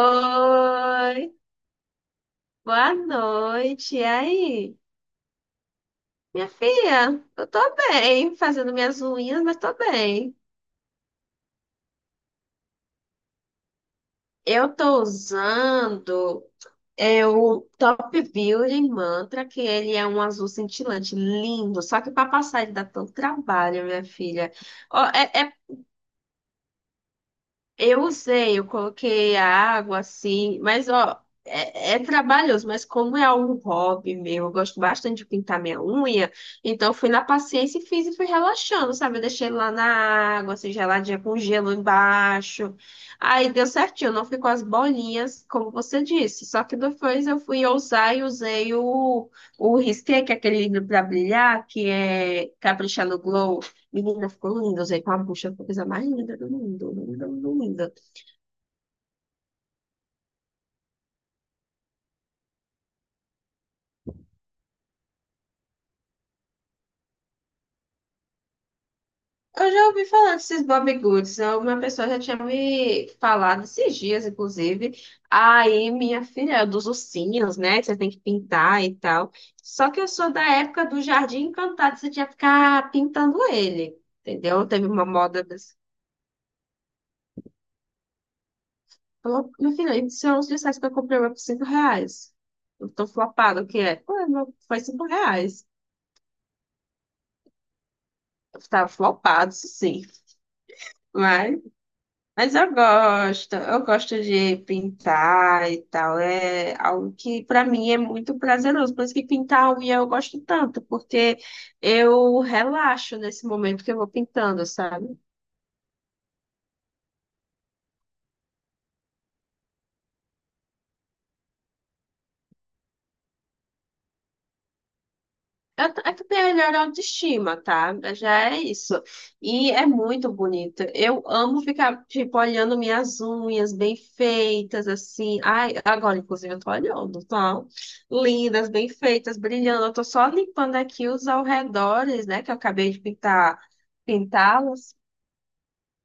Oi, boa noite. E aí? Minha filha, eu tô bem, fazendo minhas unhas, mas tô bem. Eu tô usando o Top Building Mantra, que ele é um azul cintilante, lindo. Só que para passar ele dá tanto trabalho, minha filha. Ó, é, é Eu usei, eu coloquei a água assim, mas ó, é, é trabalhoso, mas como é um hobby meu, eu gosto bastante de pintar minha unha, então eu fui na paciência e fiz e fui relaxando, sabe? Eu deixei lá na água, assim, geladinha com gelo embaixo. Aí deu certinho, não ficou as bolinhas, como você disse. Só que depois eu fui ousar e usei o risqué, que é aquele livro para brilhar, que é Capricha no Glow. Menina, ficou lindo. Usei com a bucha, foi a coisa mais linda do mundo. Linda, linda, linda. Eu já ouvi falar desses Bobbie Goods. Uma pessoa já tinha me falado esses dias, inclusive. Aí, minha filha, é dos ursinhos, né? que Você tem que pintar e tal. Só que eu sou da época do Jardim Encantado, você tinha que ficar pintando ele, entendeu? Teve uma moda desse. Falou, meu filho, isso são uns disfarces que eu comprei mas por R$ 5. Eu tô flopado, o que é? Pô, meu, foi R$ 5. Eu tava flopado, isso sim. Mas Mas eu gosto de pintar e tal. É algo que para mim é muito prazeroso. Por isso que pintar a unha eu gosto tanto, porque eu relaxo nesse momento que eu vou pintando, sabe? Eu tenho a melhor autoestima, tá? Já é isso. E é muito bonito. Eu amo ficar, tipo, olhando minhas unhas bem feitas, assim. Ai, agora, inclusive, eu tô olhando, tá? Lindas, bem feitas, brilhando. Eu tô só limpando aqui os alredores, né? Que eu acabei de pintar, pintá-los.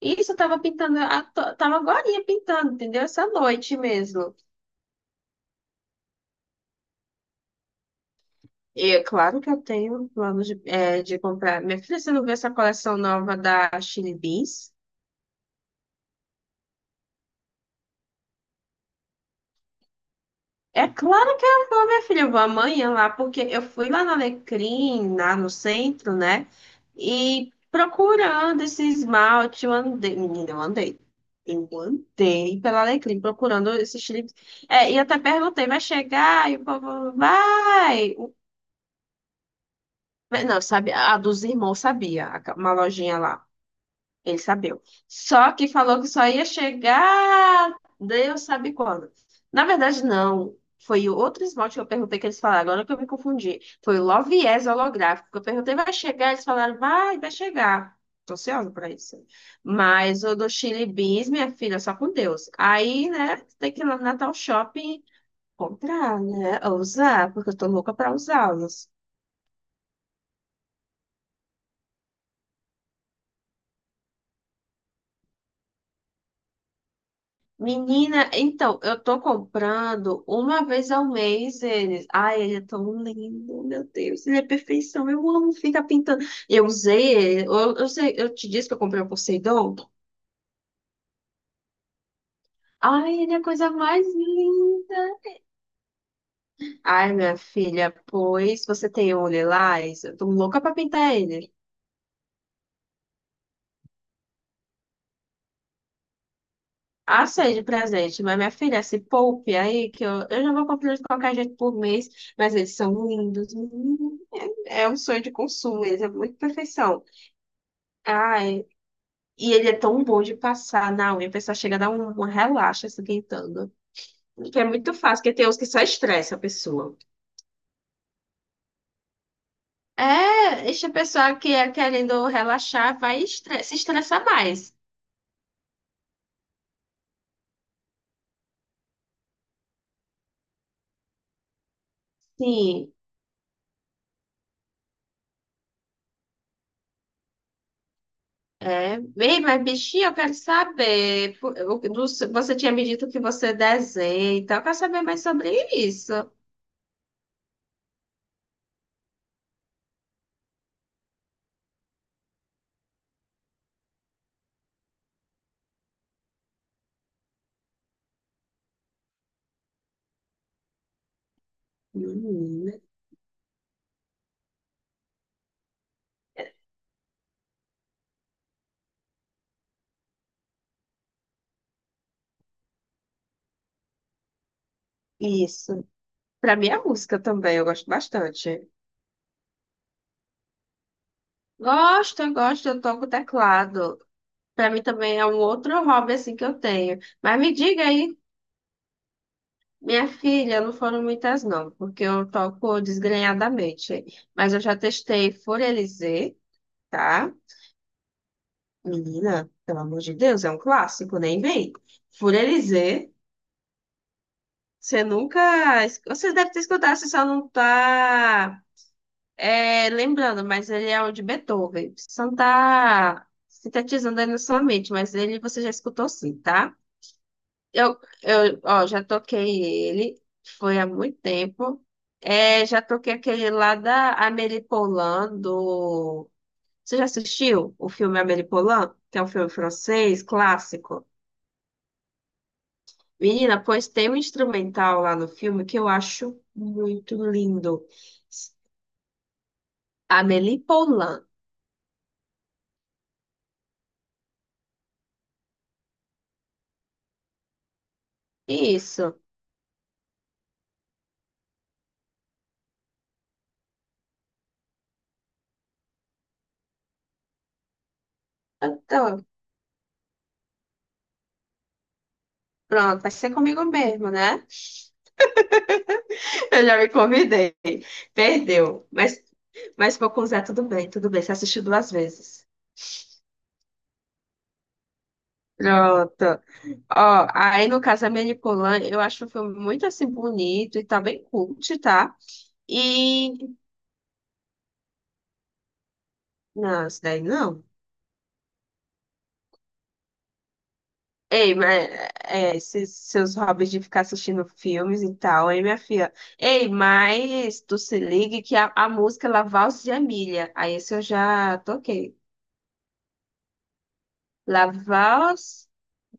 Isso, eu tava pintando, tava agorinha pintando, entendeu? Essa noite mesmo. E é claro que eu tenho plano de comprar. Minha filha, você não viu essa coleção nova da Chili Beans? É claro que eu vou, minha filha, eu vou amanhã lá, porque eu fui lá na Alecrim, lá no centro, né? E procurando esse esmalte, eu andei, menina, eu andei. Eu andei pela Alecrim procurando esses chips. É, e até perguntei, vai chegar? E o povo, vai! Não, sabe, a dos irmãos sabia, uma lojinha lá. Ele sabeu. Só que falou que só ia chegar Deus sabe quando. Na verdade, não. Foi o outro esmalte que eu perguntei que eles falaram. Agora que eu me confundi. Foi o Loviés holográfico. Que Eu perguntei, vai chegar? Eles falaram, vai vai chegar. Tô ansiosa pra isso. Mas o do Chili Beans, minha filha, só com Deus. Aí, né, tem que ir lá no Natal Shopping comprar, né? Ou usar, porque eu tô louca pra usá-los. Menina, então, eu tô comprando uma vez ao mês eles. Ai, ele é tão lindo, meu Deus, ele é perfeição. Eu amo ficar pintando. Eu usei ele, eu te disse que eu comprei o Poseidon. Ai, ele é a coisa mais linda. Ai, minha filha, pois você tem um lilás? Eu tô louca pra pintar ele. Aceite de presente, mas minha filha, se poupe aí, que eu já vou comprando de qualquer jeito por mês, mas eles são lindos. É um sonho de consumo, eles é muito perfeição. Ai, e ele é tão bom de passar na unha, a pessoa chega a dar um relaxa se esquentando. Que é muito fácil, porque tem uns que só estressa a pessoa. É, esse a pessoa que é querendo relaxar, vai se estressar mais. Sim, é. Bem, mas bichinho, eu quero saber. Você tinha me dito que você desenha, então eu quero saber mais sobre isso. Menina, isso. Pra mim é música também, eu gosto bastante. Gosto, eu toco teclado. Para mim também é um outro hobby assim que eu tenho. Mas me diga aí, minha filha, não foram muitas não, porque eu toco desgrenhadamente. Mas eu já testei Furelizé, tá? Menina, pelo amor de Deus, é um clássico, nem vem. Furelizé, você nunca... Você deve ter escutado, você só não tá lembrando, mas ele é o de Beethoven. Você só não tá sintetizando aí na sua mente, mas ele você já escutou sim, tá? Já toquei ele, foi há muito tempo. É, já toquei aquele lá da Amélie Poulain, do... Você já assistiu o filme Amélie Poulain? Que é um filme francês, clássico. Menina, pois tem um instrumental lá no filme que eu acho muito lindo. Amélie Poulain. Isso. Então, pronto, vai ser comigo mesmo, né? Eu já me convidei. Perdeu. Mas vou com o Zé, tudo bem, tudo bem. Você assistiu duas vezes. Pronto. Ó, aí no caso a Manipulan, eu acho o filme muito assim bonito e tá bem cult, tá? E. Não, isso daí não. Ei, mas esses seus hobbies de ficar assistindo filmes e tal, aí minha filha. Ei, mas tu se ligue que a música La Valse de Amélie. Aí esse eu já toquei. La Valse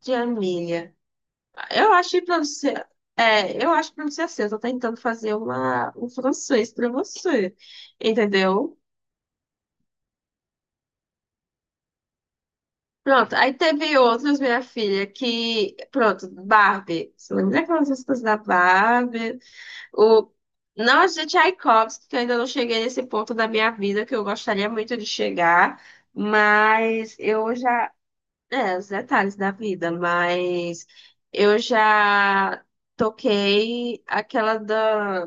de Amélie. Eu acho que pra você. É, eu acho que pra você assim, eu tô tentando fazer um francês pra você. Entendeu? Pronto, aí teve outros, minha filha, que. Pronto, Barbie. Você lembra aquelas músicas da Barbie? O... Nós de Tchaikovsky, que eu ainda não cheguei nesse ponto da minha vida, que eu gostaria muito de chegar, mas eu já. É, os detalhes da vida, mas eu já toquei aquela da.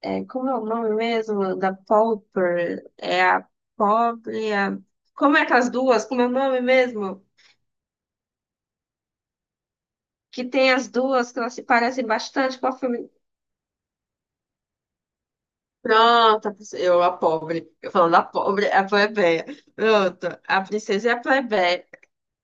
É, como é o nome mesmo? Da Pauper. É a pobre. A... Como é aquelas duas? Como é o nome mesmo? Que tem as duas, que elas se parecem bastante com a filme. Pronto, a pobre. Eu falando a pobre, é a plebeia. Pronto, a princesa e a plebeia.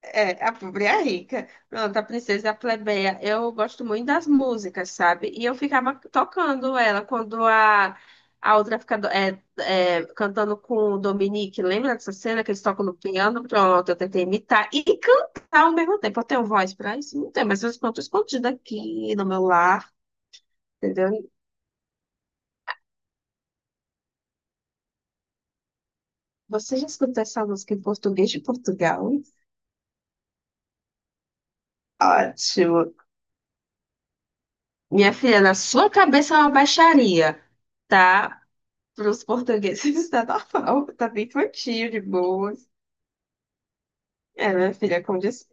É, a pobre e a rica. Pronto, a princesa e a plebeia. Eu gosto muito das músicas, sabe? E eu ficava tocando ela quando a outra fica cantando com o Dominique. Lembra dessa cena que eles tocam no piano? Pronto, eu tentei imitar e cantar ao mesmo tempo. Eu tenho voz pra isso? Não tenho, mas eu canto escondido aqui no meu lar, entendeu? Você já escutou essa música em português de Portugal? Ótimo. Minha filha, na sua cabeça é uma baixaria, tá? Para os portugueses está normal, tá bem curtinho, de boas. É, minha filha, como disse,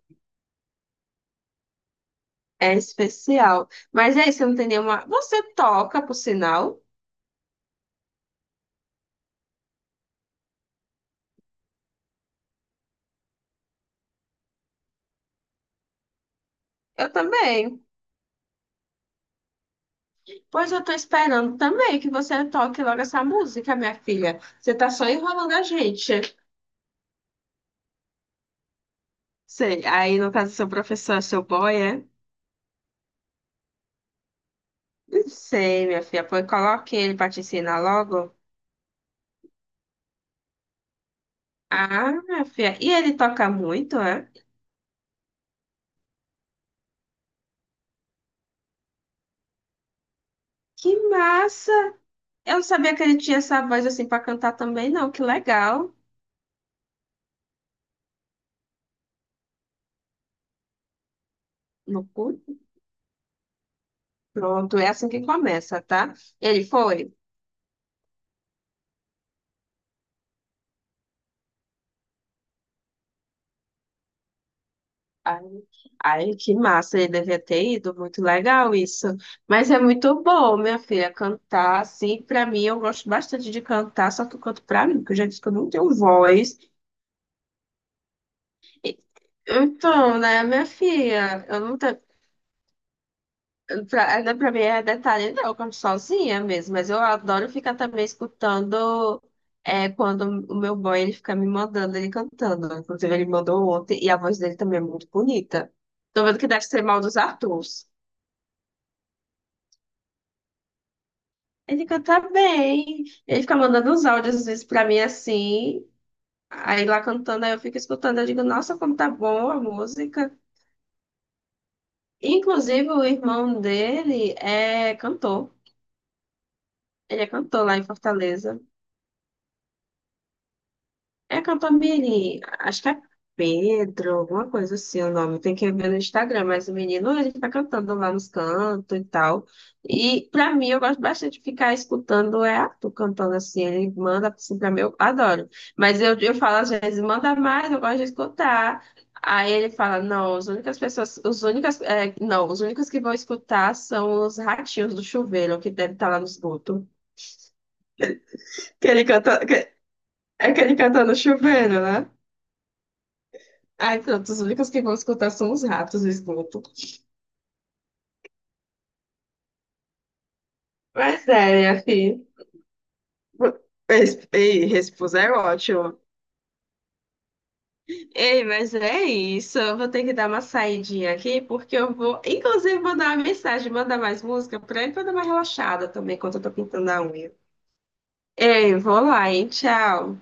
é especial. Mas aí, você não tem nenhuma... Você toca, por sinal? Eu também. Pois eu tô esperando também que você toque logo essa música, minha filha. Você tá só enrolando a gente. Sei, aí no caso, seu professor, é seu boy, é? Não sei, minha filha. Pois coloque ele pra te ensinar logo. Ah, minha filha. E ele toca muito, é? Que massa! Eu não sabia que ele tinha essa voz assim pra cantar também, não. Que legal. No cu. Pronto, é assim que começa, tá? Ele foi. Ai, ai, que massa, ele devia ter ido, muito legal isso. Mas é muito bom, minha filha, cantar assim, pra mim, eu gosto bastante de cantar, só que eu canto pra mim, porque eu já disse que eu não tenho voz. E- Então, né, minha filha, eu não, te- pra, né, pra mim é detalhe, não, eu canto sozinha mesmo, mas eu adoro ficar também escutando quando o meu boy ele fica me mandando ele cantando. Inclusive, ele mandou ontem e a voz dele também é muito bonita. Tô vendo que deve ser mal dos Arthurs. Ele canta bem, ele fica mandando uns áudios às vezes pra mim assim, aí lá cantando, aí eu fico escutando, eu digo, nossa, como tá bom a música. Inclusive, o irmão dele é cantor, ele é cantor lá em Fortaleza. É Campamiri, acho que é Pedro, alguma coisa assim o nome. Tem que ver no Instagram, mas o menino ele fica cantando lá nos cantos e tal. E pra mim, eu gosto bastante de ficar escutando é Arthur cantando assim. Ele manda assim pra mim, eu adoro. Mas eu falo às vezes, manda mais, eu gosto de escutar. Aí ele fala, não, as únicas pessoas, os únicas, é, não, os únicos que vão escutar são os ratinhos do chuveiro, que deve estar lá no esgoto. Que ele canta, que, que ele canta no chuveiro, né? Ai, pronto, os únicos que vão escutar são os ratos do esgoto. Mas é, minha filha. Respus é ótimo. Ei, mas é isso. Eu vou ter que dar uma saidinha aqui, porque eu vou, inclusive, mandar uma mensagem, mandar mais música pra ele, pra eu dar uma relaxada também, enquanto eu tô pintando a unha. Ei, vou lá, hein? Tchau.